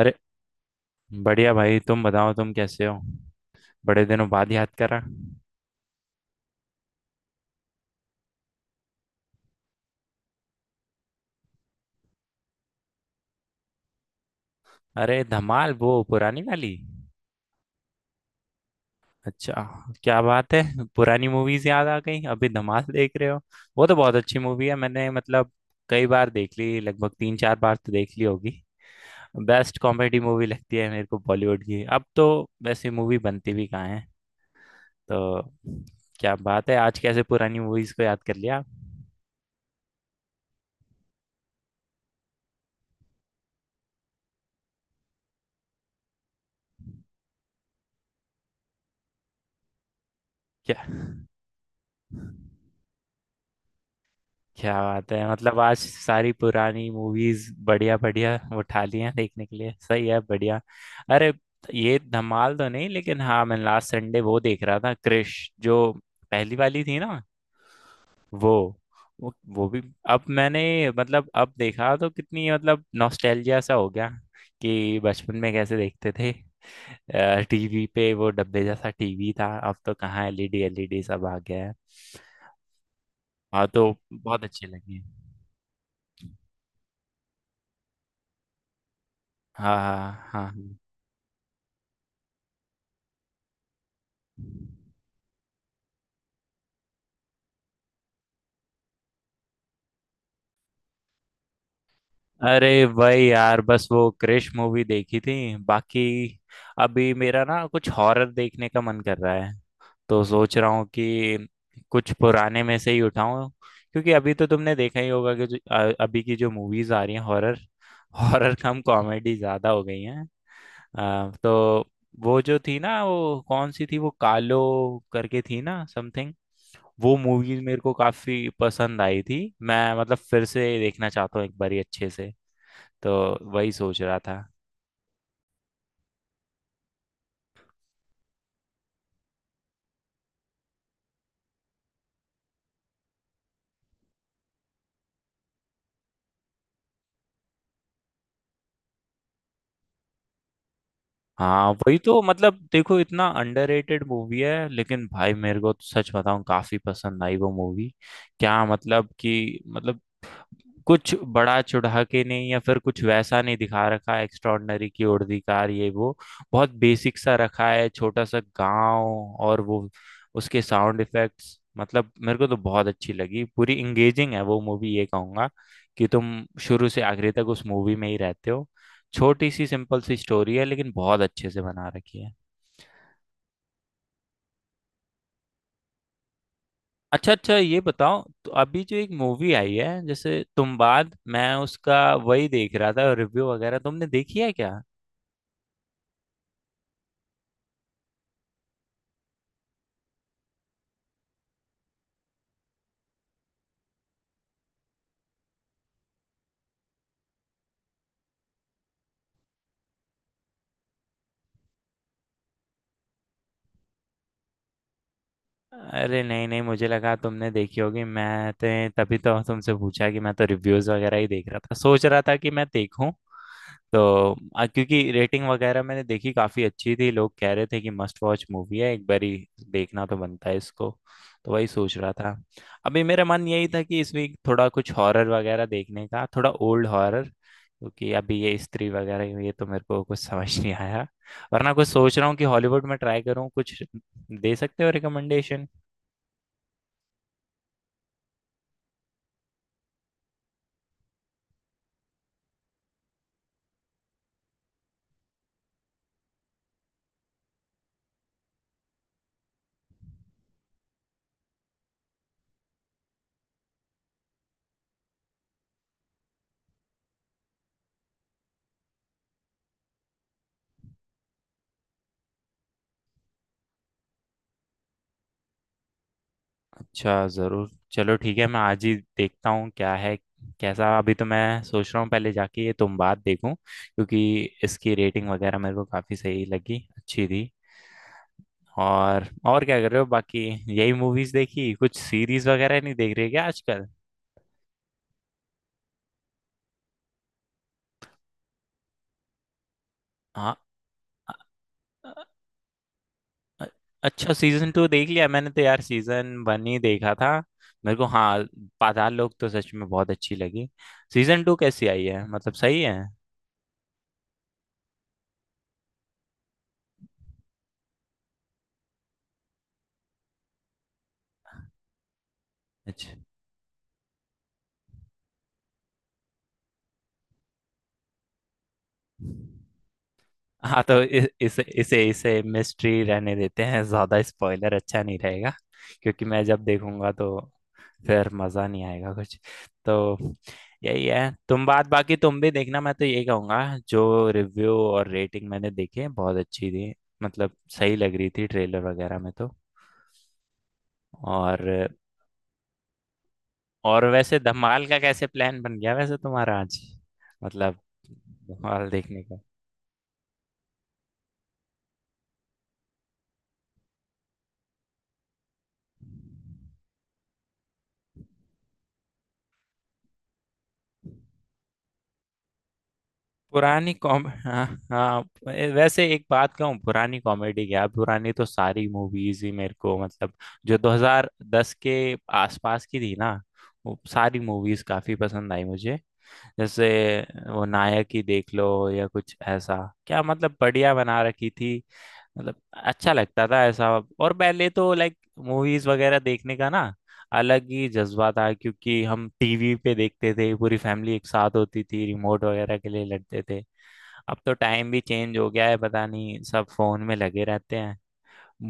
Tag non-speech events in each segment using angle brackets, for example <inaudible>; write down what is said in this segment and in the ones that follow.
अरे बढ़िया भाई, तुम बताओ तुम कैसे हो। बड़े दिनों बाद याद करा। अरे, धमाल वो पुरानी वाली? अच्छा। क्या बात है, पुरानी मूवीज याद आ गई अभी धमाल देख रहे हो। वो तो बहुत अच्छी मूवी है, मैंने मतलब कई बार देख ली, लगभग तीन चार बार तो देख ली होगी। बेस्ट कॉमेडी मूवी लगती है मेरे को बॉलीवुड की, अब तो वैसे मूवी बनती भी कहाँ है। तो क्या बात है, आज कैसे पुरानी मूवीज को याद कर लिया आप? क्या, क्या बात है, मतलब आज सारी पुरानी मूवीज बढ़िया बढ़िया उठा ली हैं देखने के लिए, सही है, बढ़िया। अरे, ये धमाल तो नहीं, लेकिन हाँ मैं लास्ट संडे वो देख रहा था, क्रिश जो पहली वाली थी ना, वो वो भी, अब मैंने मतलब अब देखा तो कितनी मतलब नॉस्टैल्जिया सा हो गया कि बचपन में कैसे देखते थे। टीवी पे वो डब्बे जैसा टीवी था, अब तो कहाँ, एलईडी एलईडी सब आ गया है। हाँ तो बहुत अच्छी लगी। हाँ हाँ हाँ हाँ। अरे भाई यार, बस वो क्रिश मूवी देखी थी, बाकी अभी मेरा ना कुछ हॉरर देखने का मन कर रहा है, तो सोच रहा हूँ कि कुछ पुराने में से ही उठाऊं, क्योंकि अभी तो तुमने देखा ही होगा कि अभी की जो मूवीज आ रही हैं हॉरर, <laughs> हॉरर कम कॉमेडी ज्यादा हो गई हैं। तो वो जो थी ना, वो कौन सी थी, वो कालो करके थी ना समथिंग, वो मूवी मेरे को काफी पसंद आई थी। मैं मतलब फिर से देखना चाहता हूँ एक बार अच्छे से, तो वही सोच रहा था। हाँ वही तो, मतलब देखो, इतना अंडररेटेड मूवी है लेकिन भाई, मेरे को तो सच बताऊँ, काफी पसंद आई वो मूवी। क्या मतलब कि मतलब कुछ बड़ा चढ़ा के नहीं या फिर कुछ वैसा नहीं दिखा रखा है, एक्स्ट्रॉर्डनरी की उर्दीकार ये वो, बहुत बेसिक सा रखा है, छोटा सा गांव, और वो उसके साउंड इफेक्ट्स, मतलब मेरे को तो बहुत अच्छी लगी, पूरी इंगेजिंग है वो मूवी। ये कहूंगा कि तुम शुरू से आखिरी तक उस मूवी में ही रहते हो। छोटी सी सिंपल सी स्टोरी है लेकिन बहुत अच्छे से बना रखी है। अच्छा अच्छा, ये बताओ तो, अभी जो एक मूवी आई है जैसे तुम बाद, मैं उसका वही देख रहा था रिव्यू वगैरह, तुमने देखी है क्या? अरे नहीं नहीं, मुझे लगा तुमने देखी होगी, मैं तो, तभी तो तुमसे पूछा कि मैं तो रिव्यूज वगैरह ही देख रहा था, सोच रहा था कि मैं देखूं तो, क्योंकि रेटिंग वगैरह मैंने देखी काफी अच्छी थी, लोग कह रहे थे कि मस्ट वॉच मूवी है, एक बारी देखना तो बनता है इसको, तो वही सोच रहा था। अभी मेरा मन यही था कि इस वीक थोड़ा कुछ हॉरर वगैरह देखने का, थोड़ा ओल्ड हॉरर, क्योंकि अभी ये स्त्री वगैरह ये तो मेरे को कुछ समझ नहीं आया, वरना कुछ सोच रहा हूँ कि हॉलीवुड में ट्राई करूँ कुछ, दे सकते हो रिकमेंडेशन। अच्छा, ज़रूर, चलो ठीक है, मैं आज ही देखता हूँ क्या है कैसा, अभी तो मैं सोच रहा हूँ पहले जाके ये तुम बात देखूँ, क्योंकि इसकी रेटिंग वगैरह मेरे को काफ़ी सही लगी, अच्छी थी। और क्या कर रहे हो बाकी, यही मूवीज़ देखी, कुछ सीरीज़ वगैरह नहीं देख रहे क्या आजकल? हाँ, अ- अ- अच्छा, सीज़न टू देख लिया, मैंने तो यार सीज़न वन ही देखा था। मेरे को, हाँ पाताल लोक तो सच में बहुत अच्छी लगी। सीज़न टू कैसी आई है, मतलब सही है? अच्छा। हाँ तो इ- इसे इसे इसे मिस्ट्री रहने देते हैं, ज्यादा स्पॉइलर अच्छा नहीं रहेगा क्योंकि मैं जब देखूंगा तो फिर मजा नहीं आएगा कुछ। तो यही है तुम बात, बाकी तुम भी देखना, मैं तो ये कहूंगा, जो रिव्यू और रेटिंग मैंने देखे बहुत अच्छी थी, मतलब सही लग रही थी ट्रेलर वगैरह में तो। और और वैसे धमाल का कैसे प्लान बन गया वैसे तुम्हारा आज, मतलब धमाल देखने। पुरानी कॉम, हाँ हाँ, वैसे एक बात कहूँ, पुरानी कॉमेडी क्या, पुरानी तो सारी मूवीज ही मेरे को, मतलब जो 2010 के आसपास की थी ना, वो सारी मूवीज काफी पसंद आई मुझे। जैसे वो नायक ही देख लो या कुछ ऐसा, क्या मतलब, बढ़िया बना रखी थी, मतलब अच्छा लगता था ऐसा। और पहले तो लाइक मूवीज वगैरह देखने का ना अलग ही जज्बा था, क्योंकि हम टीवी पे देखते थे, पूरी फैमिली एक साथ होती थी, रिमोट वगैरह के लिए लड़ते थे। अब तो टाइम भी चेंज हो गया है, पता नहीं सब फोन में लगे रहते हैं,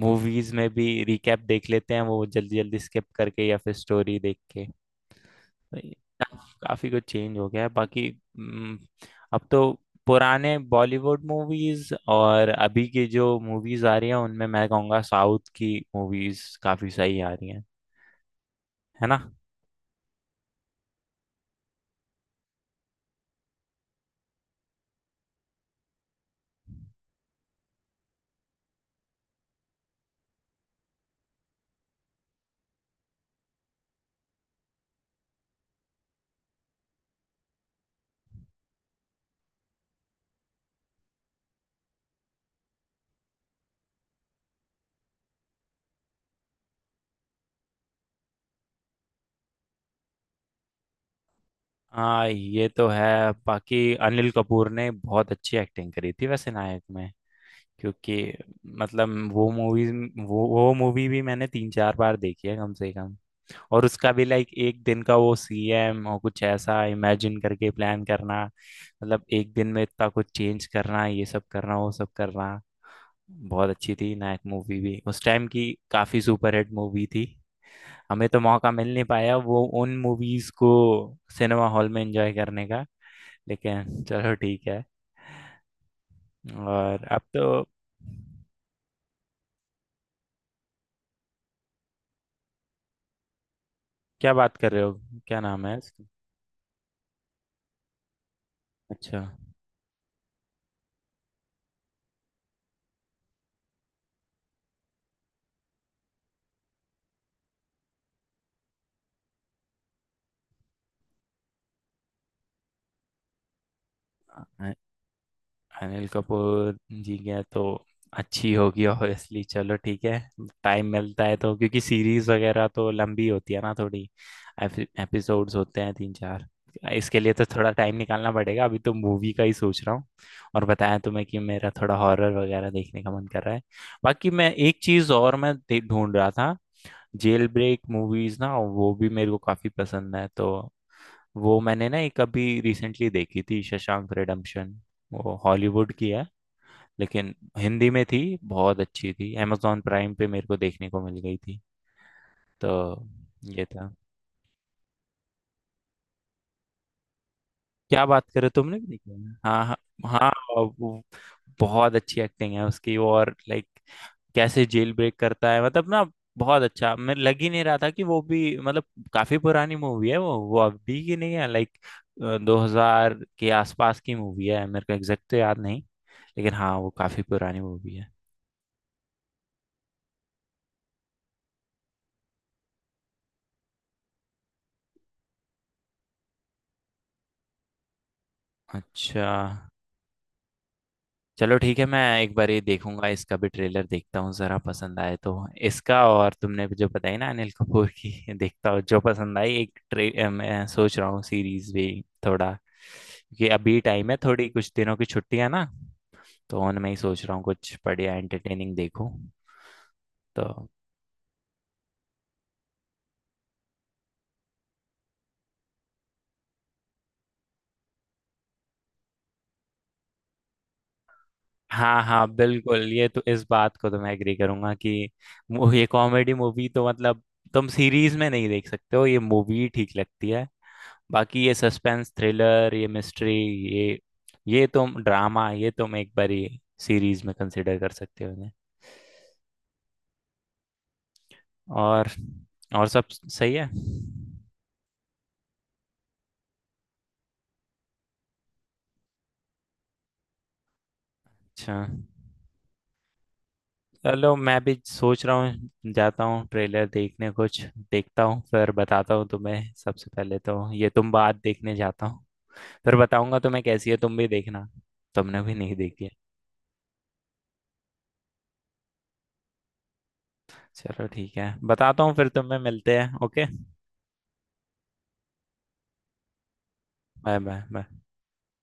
मूवीज में भी रिकैप देख लेते हैं, वो जल्दी जल्दी स्किप करके या फिर स्टोरी देख के, तो ये काफी कुछ चेंज हो गया है बाकी। हम्म, अब तो पुराने बॉलीवुड मूवीज और अभी की जो मूवीज आ रही हैं, उनमें मैं कहूँगा साउथ की मूवीज काफी सही आ रही हैं, है ना। हाँ ये तो है, बाकी अनिल कपूर ने बहुत अच्छी एक्टिंग करी थी वैसे नायक में, क्योंकि मतलब वो मूवी, वो मूवी भी मैंने तीन चार बार देखी है कम से कम। और उसका भी लाइक एक दिन का वो सीएम और कुछ ऐसा इमेजिन करके प्लान करना, मतलब एक दिन में इतना कुछ चेंज करना, ये सब करना वो सब करना, बहुत अच्छी थी नायक मूवी भी, उस टाइम की काफी सुपरहिट मूवी थी। हमें तो मौका मिल नहीं पाया वो उन मूवीज को सिनेमा हॉल में एंजॉय करने का, लेकिन चलो ठीक है। और अब तो क्या बात कर रहे हो, क्या नाम है इसका? अच्छा, अ- अनिल कपूर जी गया तो अच्छी होगी ऑब्वियसली, चलो ठीक है, टाइम मिलता है तो, क्योंकि सीरीज वगैरह तो लंबी होती है ना थोड़ी, एपिसोड्स होते हैं तीन चार, इसके लिए तो थोड़ा टाइम निकालना पड़ेगा, अभी तो मूवी का ही सोच रहा हूँ। और बताया तुम्हें कि मेरा थोड़ा हॉरर वगैरह देखने का मन कर रहा है। बाकी मैं एक चीज़ और मैं ढूंढ रहा था, जेल ब्रेक मूवीज ना, वो भी मेरे को काफी पसंद है, तो वो मैंने ना एक अभी रिसेंटली देखी थी, शशांक रिडेम्पशन, वो हॉलीवुड की है लेकिन हिंदी में थी, बहुत अच्छी थी, amazon प्राइम पे मेरे को देखने को मिल गई थी, तो ये था। क्या बात कर रहे हो, तुमने भी देखी है ना? हाँ हाँ हाँ, वो बहुत अच्छी एक्टिंग है उसकी, और लाइक कैसे जेल ब्रेक करता है मतलब ना, बहुत अच्छा, मैं लग ही नहीं रहा था कि वो भी मतलब, काफी पुरानी मूवी है वो अभी की नहीं है, लाइक 2000 के आसपास की मूवी है, मेरे को एग्जैक्ट तो याद नहीं, लेकिन हाँ वो काफी पुरानी मूवी है। अच्छा, चलो ठीक है, मैं एक बार ये देखूंगा, इसका भी ट्रेलर देखता हूँ जरा, पसंद आए तो, इसका और तुमने जो बताई ना अनिल कपूर की <laughs> देखता हूँ, जो पसंद आई, एक मैं सोच रहा हूँ सीरीज भी थोड़ा, क्योंकि अभी टाइम है थोड़ी, कुछ दिनों की छुट्टियां ना, तो उनमें ही सोच रहा हूँ कुछ बढ़िया एंटरटेनिंग देखूँ तो। हाँ हाँ बिल्कुल, ये तो इस बात को तो मैं एग्री करूंगा कि ये कॉमेडी मूवी तो मतलब तुम सीरीज में नहीं देख सकते हो, ये मूवी ठीक लगती है। बाकी ये सस्पेंस थ्रिलर, ये मिस्ट्री, ये ये तुम ड्रामा, ये तुम एक बारी सीरीज में कंसिडर कर सकते हो इन्हें। और और सब सही है। अच्छा, चलो मैं भी सोच रहा हूँ, जाता हूँ ट्रेलर देखने, कुछ देखता हूँ फिर बताता हूँ तुम्हें, सबसे पहले तो ये तुम बात देखने जाता हूँ, फिर बताऊंगा तुम्हें कैसी है, तुम भी देखना, तुमने भी नहीं देखी है। चलो ठीक है, बताता हूँ, फिर तुम्हें मिलते हैं, ओके, बाय बाय बाय।